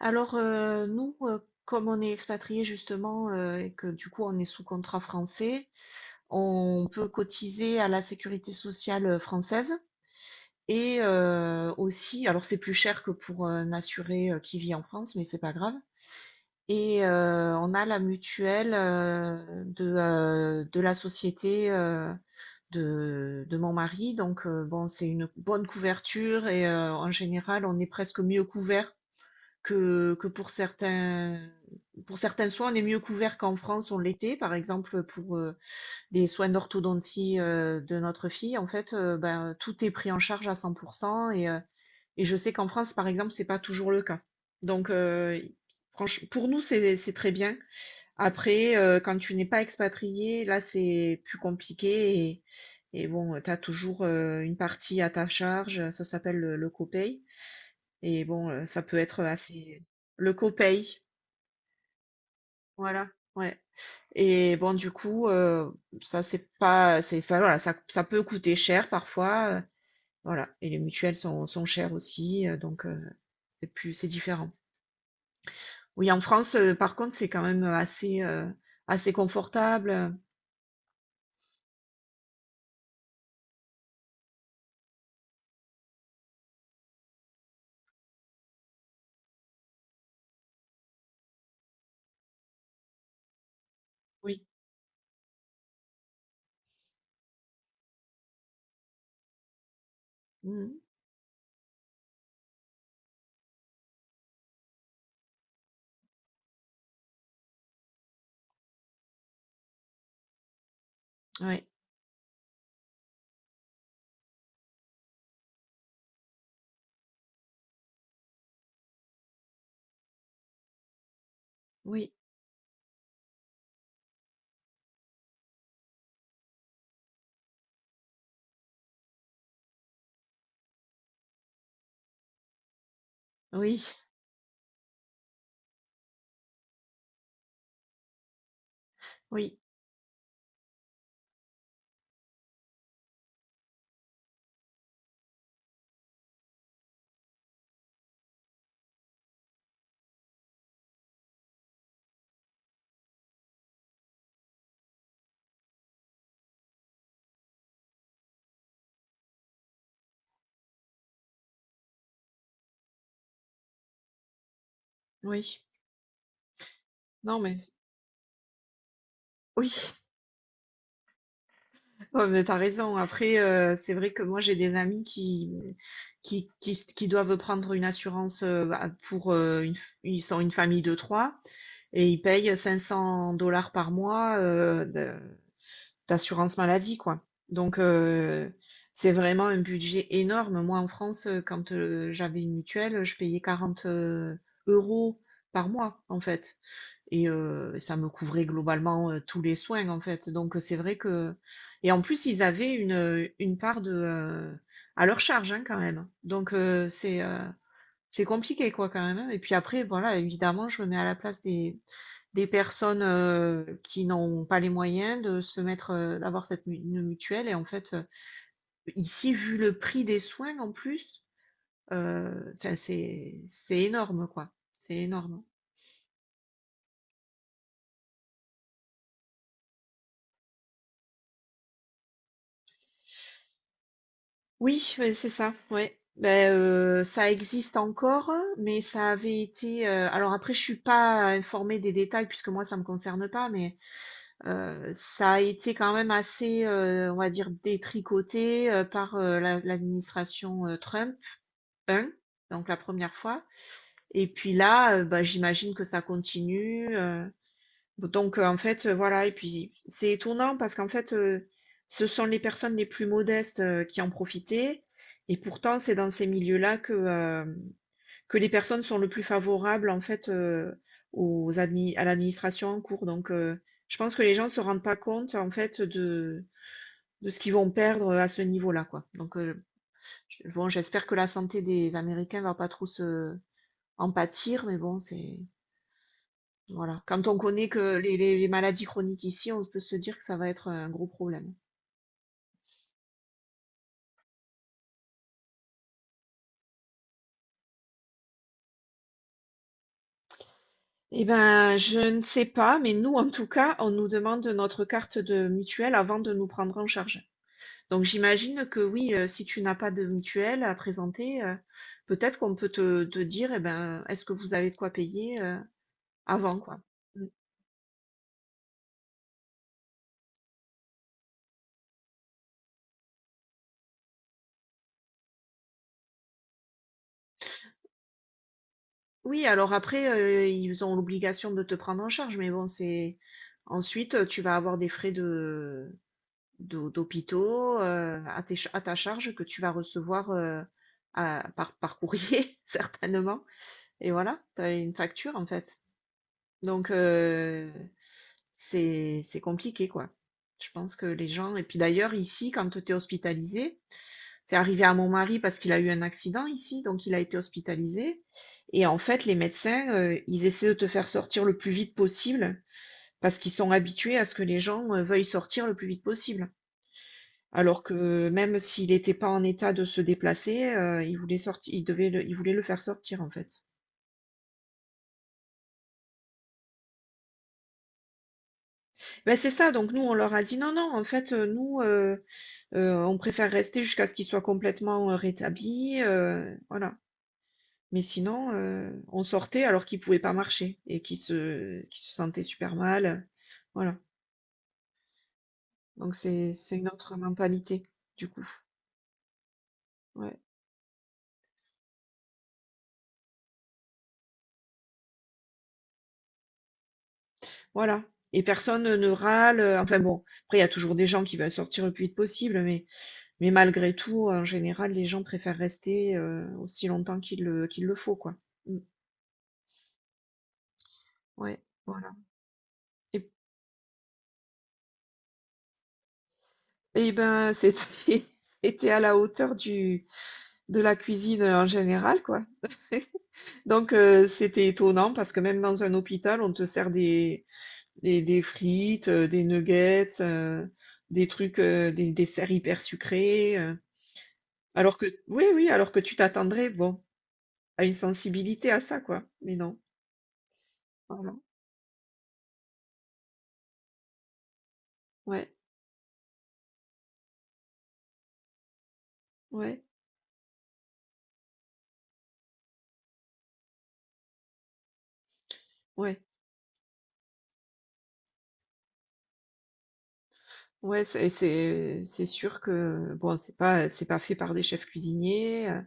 Alors, nous, comme on est expatrié justement et que du coup on est sous contrat français, on peut cotiser à la sécurité sociale française et aussi, alors c'est plus cher que pour un assuré qui vit en France, mais c'est pas grave. Et on a la mutuelle de la société de mon mari. Donc, bon, c'est une bonne couverture et en général, on est presque mieux couvert que pour certains soins, on est mieux couvert qu'en France, on l'était. Par exemple, pour les soins d'orthodontie de notre fille, en fait, ben, tout est pris en charge à 100%. Et je sais qu'en France, par exemple, c'est pas toujours le cas. Donc, pour nous, c'est très bien. Après, quand tu n'es pas expatrié, là, c'est plus compliqué. Et bon, tu as toujours une partie à ta charge. Ça s'appelle le copay. Et bon, ça peut être assez. Le copaye, voilà, ouais. Et bon, du coup, ça c'est pas c'est enfin, voilà, ça peut coûter cher parfois, voilà. Et les mutuelles sont chères aussi, donc c'est différent. Oui, en France, par contre, c'est quand même assez confortable, oui. Mmh. Ouais. Oui. Oui. Oui. Oui. Non mais oui. Ouais, mais t'as raison. Après, c'est vrai que moi, j'ai des amis qui doivent prendre une assurance bah, ils sont une famille de trois et ils payent 500 $ par mois d'assurance maladie, quoi. Donc, c'est vraiment un budget énorme. Moi, en France, quand j'avais une mutuelle, je payais 40 euros par mois, en fait. Et ça me couvrait globalement, tous les soins, en fait. Donc, c'est vrai que et en plus, ils avaient une part à leur charge, hein, quand même. Donc, c'est compliqué, quoi, quand même, hein. Et puis après, voilà, évidemment, je me mets à la place des personnes, qui n'ont pas les moyens d'avoir cette mu une mutuelle et en fait, ici, vu le prix des soins en plus, enfin, c'est énorme, quoi. C'est énorme. Oui, ouais, c'est ça, ouais. Ben, ça existe encore, mais ça avait été, alors après je suis pas informée des détails puisque moi ça me concerne pas, mais, ça a été quand même assez, on va dire détricoté, par, la l'administration, Trump 1, donc la première fois. Et puis là, bah, j'imagine que ça continue, donc, en fait, voilà. Et puis, c'est étonnant parce qu'en fait, ce sont les personnes les plus modestes, qui en profitaient. Et pourtant c'est dans ces milieux-là que les personnes sont le plus favorables en fait, aux admi à l'administration en cours. Donc, je pense que les gens ne se rendent pas compte en fait de ce qu'ils vont perdre, à ce niveau-là, quoi. Donc, bon, j'espère que la santé des Américains va pas trop se en pâtir, mais bon, c'est voilà. Quand on connaît que les maladies chroniques ici, on peut se dire que ça va être un gros problème. Eh ben, je ne sais pas, mais nous, en tout cas, on nous demande notre carte de mutuelle avant de nous prendre en charge. Donc, j'imagine que oui, si tu n'as pas de mutuelle à présenter, peut-être qu'on peut te dire, eh ben, est-ce que vous avez de quoi payer, avant, quoi. Mm. Oui, alors après, ils ont l'obligation de te prendre en charge, mais bon, c'est, ensuite, tu vas avoir des frais d'hôpitaux à ta charge que tu vas recevoir par courrier, certainement. Et voilà, tu as une facture en fait. Donc, c'est compliqué, quoi. Je pense que les gens. Et puis d'ailleurs, ici, quand tu es hospitalisé, c'est arrivé à mon mari parce qu'il a eu un accident ici, donc il a été hospitalisé. Et en fait, les médecins, ils essaient de te faire sortir le plus vite possible parce qu'ils sont habitués à ce que les gens veuillent sortir le plus vite possible. Alors que même s'il était pas en état de se déplacer, il voulait sortir, il voulait le faire sortir, en fait. Ben c'est ça, donc nous, on leur a dit: «Non, non, en fait, nous, on préfère rester jusqu'à ce qu'il soit complètement, rétabli, voilà». Mais sinon, on sortait alors qu'il pouvait pas marcher et qu'il se sentait super mal, voilà. Donc c'est une autre mentalité, du coup. Ouais, voilà. Et personne ne râle, enfin bon, après il y a toujours des gens qui veulent sortir le plus vite possible, mais malgré tout, en général, les gens préfèrent rester, aussi longtemps qu'il le faut, quoi. Mmh. Ouais, voilà. Et et ben, c'était c'était à la hauteur du de la cuisine, en général, quoi. Donc c'était étonnant parce que même dans un hôpital, on te sert des frites, des nuggets, des trucs, des desserts hyper sucrés, alors que oui, oui, alors que tu t'attendrais, bon, à une sensibilité à ça, quoi. Mais non, voilà. Ouais, ouais, ouais. Ouais, c'est sûr que bon, c'est pas fait par des chefs cuisiniers,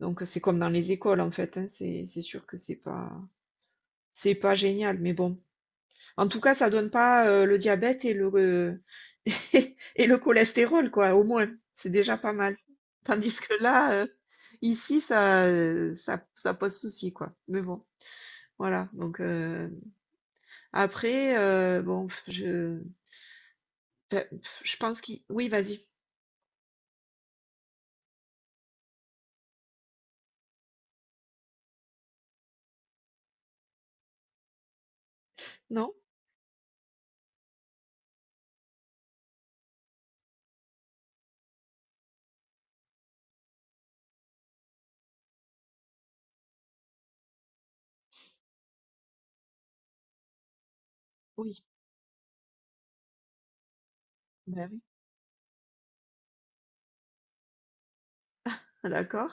donc c'est comme dans les écoles, en fait, hein. C'est sûr que c'est pas génial, mais bon. En tout cas, ça donne pas, le diabète et le re et le cholestérol, quoi, au moins. C'est déjà pas mal. Tandis que là, ici, ça, ça pose souci, quoi. Mais bon, voilà, donc après, bon, je enfin, je pense qu'il oui, vas-y. Non? Oui, bah. Ah d'accord.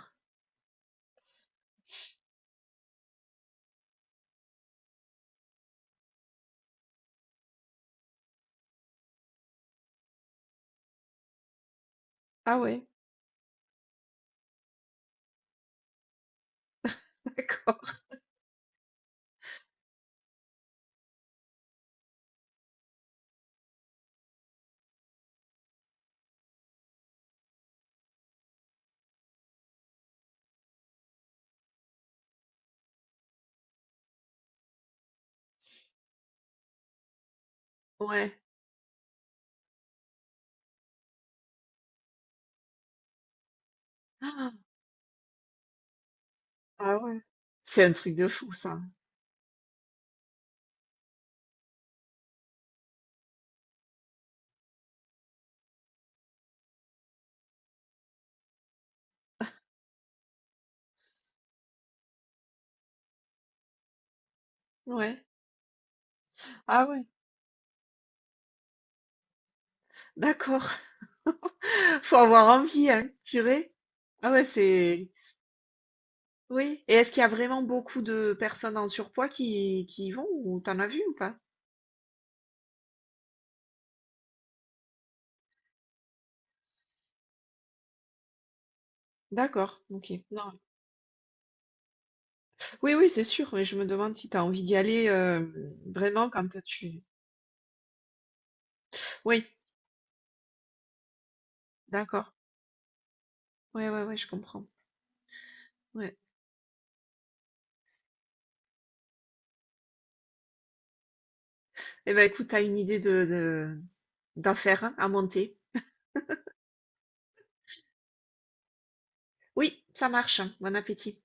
Ah ouais, d'accord, ouais. Ah! Ah ouais. C'est un truc de fou ça. Ouais. Ah ouais, d'accord. Faut avoir envie, hein, purée. Ah ouais, c'est oui. Et est-ce qu'il y a vraiment beaucoup de personnes en surpoids qui y vont ou t'en as vu ou pas? D'accord, ok. Non. Oui, oui, c'est sûr, mais je me demande si tu as envie d'y aller vraiment quand tu. Oui, d'accord. Ouais, ouais, ouais, je comprends. Ouais. Eh ben écoute, t'as une idée de d'en faire un, à monter. Oui, ça marche. Bon appétit.